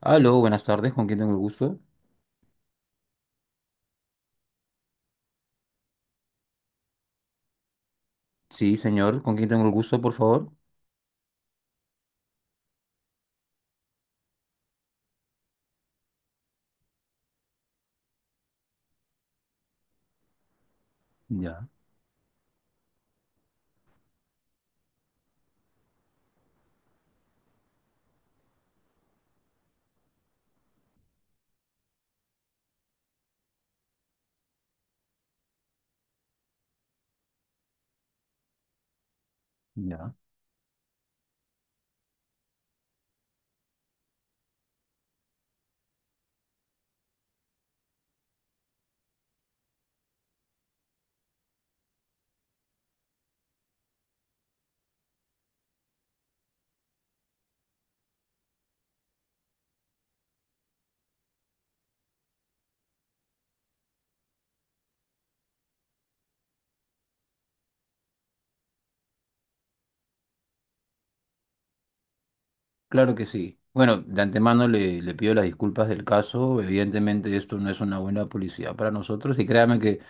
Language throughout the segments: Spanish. Aló, buenas tardes, ¿con quién tengo el gusto? Sí, señor, ¿con quién tengo el gusto, por favor? Ya, ya. Claro que sí. Bueno, de antemano le pido las disculpas del caso. Evidentemente esto no es una buena publicidad para nosotros y créame que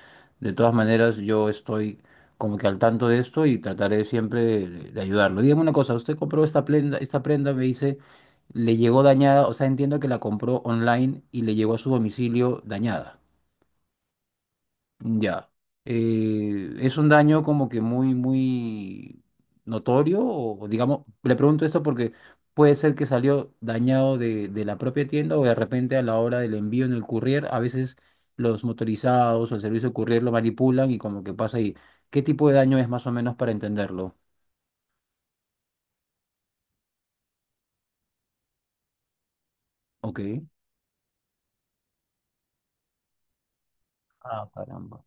de todas maneras yo estoy como que al tanto de esto y trataré siempre de ayudarlo. Dígame una cosa, usted compró esta prenda, me dice, le llegó dañada, o sea, entiendo que la compró online y le llegó a su domicilio dañada. Ya. ¿Es un daño como que muy, muy notorio? O digamos, le pregunto esto porque puede ser que salió dañado de la propia tienda o de repente a la hora del envío en el courier, a veces los motorizados o el servicio courier lo manipulan y como que pasa ahí. ¿Qué tipo de daño es más o menos para entenderlo? Ok. Ah, caramba.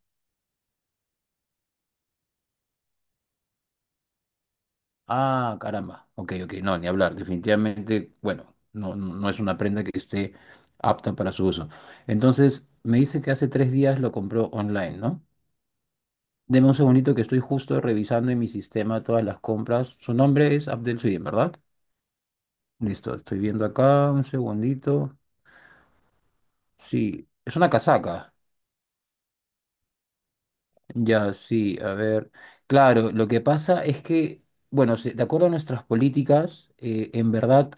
Ah, caramba. Ok, ok. No, ni hablar. Definitivamente, bueno, no, no es una prenda que esté apta para su uso. Entonces, me dice que hace 3 días lo compró online, ¿no? Deme un segundito que estoy justo revisando en mi sistema todas las compras. Su nombre es Abdel Suyem, ¿verdad? Listo, estoy viendo acá un segundito. Sí, es una casaca. Ya, sí, a ver. Claro, lo que pasa es que, bueno, de acuerdo a nuestras políticas, en verdad.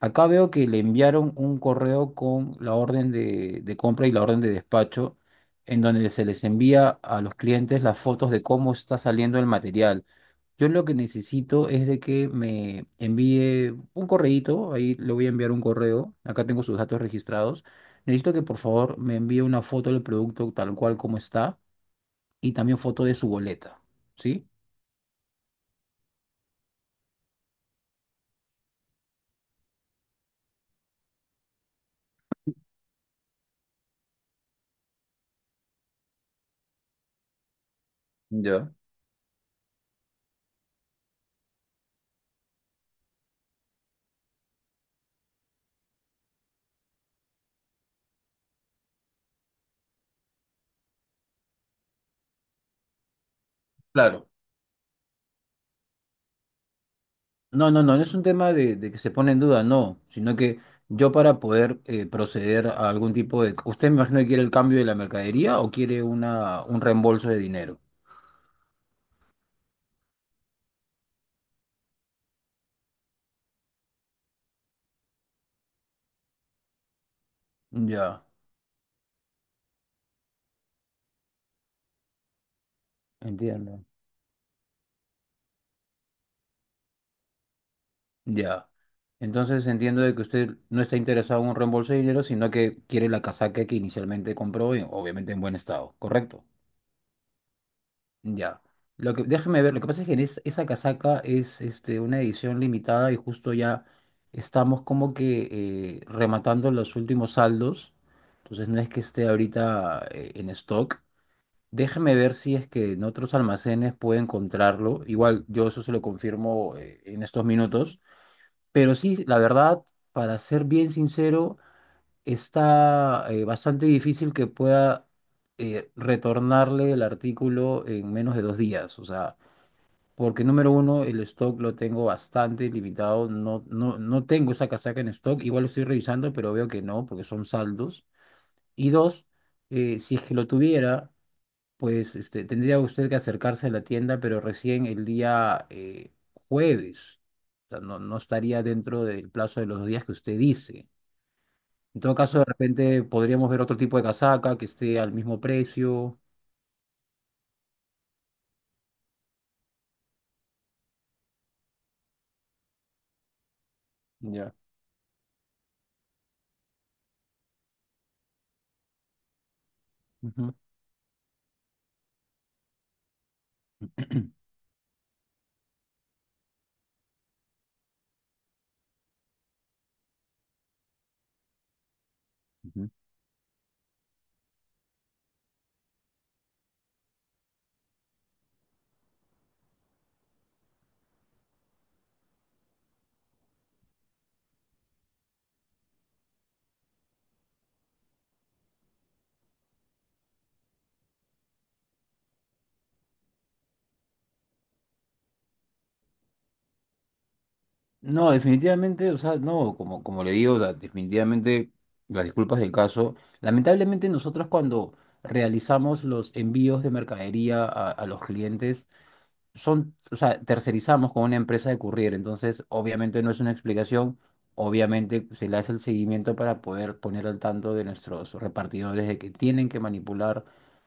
Acá veo que le enviaron un correo con la orden de compra y la orden de despacho, en donde se les envía a los clientes las fotos de cómo está saliendo el material. Yo lo que necesito es de que me envíe un correíto, ahí le voy a enviar un correo, acá tengo sus datos registrados. Necesito que por favor me envíe una foto del producto tal cual como está y también foto de su boleta, ¿sí? Ya, claro. No, no, no, no es un tema de que se pone en duda, no, sino que yo para poder proceder a algún tipo de... ¿Usted me imagino que quiere el cambio de la mercadería o quiere una, un reembolso de dinero? Ya, entiendo. Ya. Entonces entiendo de que usted no está interesado en un reembolso de dinero, sino que quiere la casaca que inicialmente compró, y obviamente en buen estado, ¿correcto? Ya. Lo que, déjeme ver, lo que pasa es que en esa casaca es una edición limitada y justo ya estamos como que rematando los últimos saldos. Entonces no es que esté ahorita en stock. Déjeme ver si es que en otros almacenes puede encontrarlo. Igual yo eso se lo confirmo en estos minutos. Pero sí, la verdad, para ser bien sincero, está bastante difícil que pueda retornarle el artículo en menos de 2 días. O sea, porque número uno, el stock lo tengo bastante limitado. No, no, no tengo esa casaca en stock. Igual lo estoy revisando, pero veo que no, porque son saldos. Y dos, si es que lo tuviera, pues tendría usted que acercarse a la tienda, pero recién el día jueves. O sea, no, no estaría dentro del plazo de los días que usted dice. En todo caso, de repente podríamos ver otro tipo de casaca que esté al mismo precio. Ya. Ujú. No, definitivamente, o sea, no, como le digo, o sea, definitivamente las disculpas del caso. Lamentablemente nosotros cuando realizamos los envíos de mercadería a los clientes, son, o sea, tercerizamos con una empresa de courier, entonces obviamente no es una explicación, obviamente se le hace el seguimiento para poder poner al tanto de nuestros repartidores de que tienen que manipular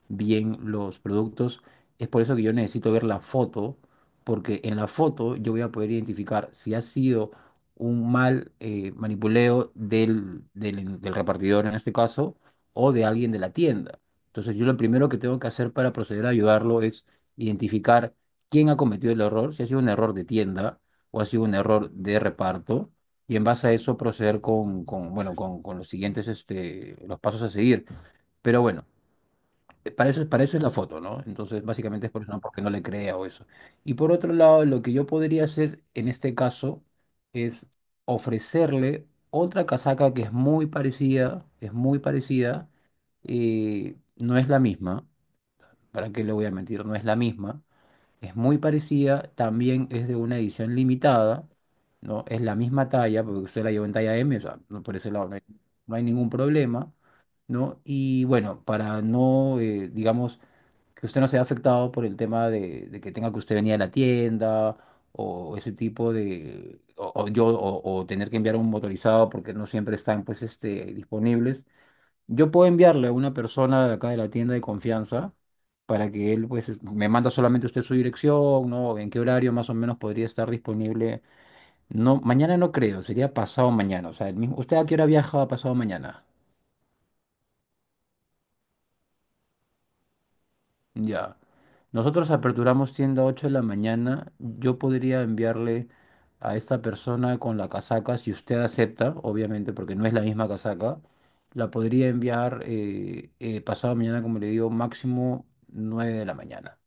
bien los productos. Es por eso que yo necesito ver la foto, porque en la foto yo voy a poder identificar si ha sido un mal manipuleo del repartidor en este caso o de alguien de la tienda. Entonces yo lo primero que tengo que hacer para proceder a ayudarlo es identificar quién ha cometido el error, si ha sido un error de tienda o ha sido un error de reparto, y en base a eso proceder con, bueno, con los siguientes, los pasos a seguir. Pero bueno, para eso es la foto, ¿no? Entonces, básicamente es por eso, ¿no? Porque no le crea o eso. Y por otro lado, lo que yo podría hacer en este caso es ofrecerle otra casaca que es muy parecida, no es la misma, ¿para qué le voy a mentir? No es la misma, es muy parecida, también es de una edición limitada, ¿no? Es la misma talla, porque usted la llevó en talla M, o sea, por ese lado no hay, ningún problema, ¿no? Y bueno, para no, digamos, que usted no sea afectado por el tema de que tenga que usted venir a la tienda o ese tipo de, o yo, o tener que enviar un motorizado porque no siempre están, pues, disponibles. Yo puedo enviarle a una persona de acá de la tienda de confianza para que él pues me manda solamente usted su dirección, ¿no? En qué horario más o menos podría estar disponible. No, mañana no creo, sería pasado mañana. O sea, el mismo, ¿usted a qué hora viaja pasado mañana? Ya. Nosotros aperturamos tienda 8 de la mañana. Yo podría enviarle a esta persona con la casaca, si usted acepta, obviamente, porque no es la misma casaca. La podría enviar pasado mañana, como le digo, máximo 9 de la mañana.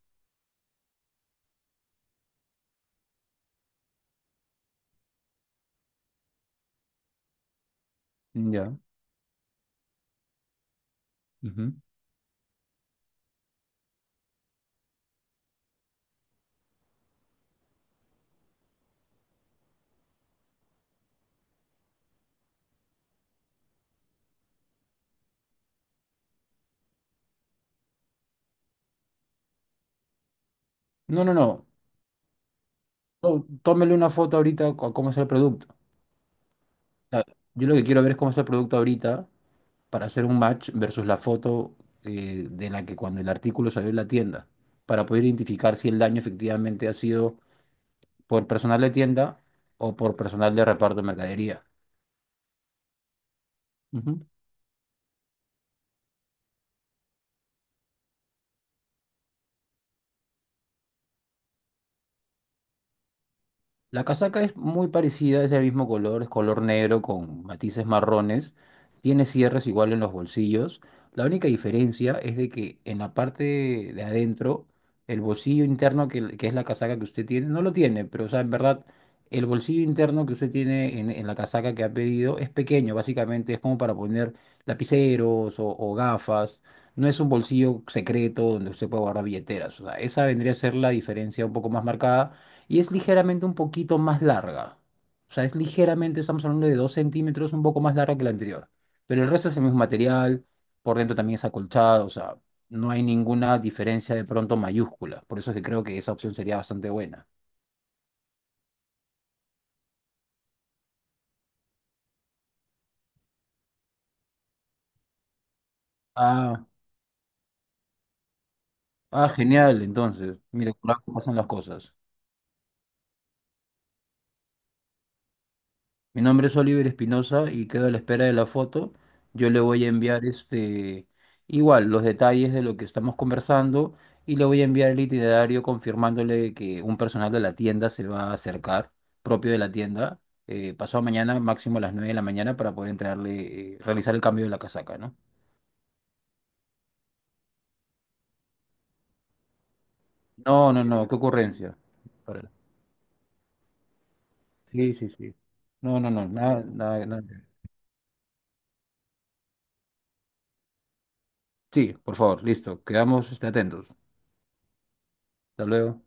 Ya. Ujú. No, no, no. Tómele una foto ahorita a cómo es el producto. O sea, yo lo que quiero ver es cómo es el producto ahorita para hacer un match versus la foto de la que cuando el artículo salió en la tienda, para poder identificar si el daño efectivamente ha sido por personal de tienda o por personal de reparto de mercadería. La casaca es muy parecida, es del mismo color, es color negro con matices marrones, tiene cierres igual en los bolsillos. La única diferencia es de que en la parte de adentro, el bolsillo interno que es la casaca que usted tiene, no lo tiene, pero o sea, en verdad, el bolsillo interno que usted tiene en la casaca que ha pedido es pequeño, básicamente es como para poner lapiceros o gafas. No es un bolsillo secreto donde usted puede guardar billeteras. O sea, esa vendría a ser la diferencia un poco más marcada y es ligeramente un poquito más larga. O sea, es ligeramente, estamos hablando de 2 centímetros, un poco más larga que la anterior. Pero el resto es el mismo material, por dentro también es acolchado, o sea, no hay ninguna diferencia de pronto mayúscula. Por eso es que creo que esa opción sería bastante buena. Ah, ah, genial, entonces. Mira, por algo pasan las cosas. Mi nombre es Oliver Espinosa y quedo a la espera de la foto. Yo le voy a enviar igual los detalles de lo que estamos conversando y le voy a enviar el itinerario confirmándole que un personal de la tienda se va a acercar, propio de la tienda, pasado mañana, máximo a las 9 de la mañana, para poder entregarle, realizar el cambio de la casaca, ¿no? No, no, no, qué ocurrencia. Órale. Sí, sí, sí. No, no, no, nada, nada, nada. Sí, por favor, listo. Quedamos, atentos. Hasta luego.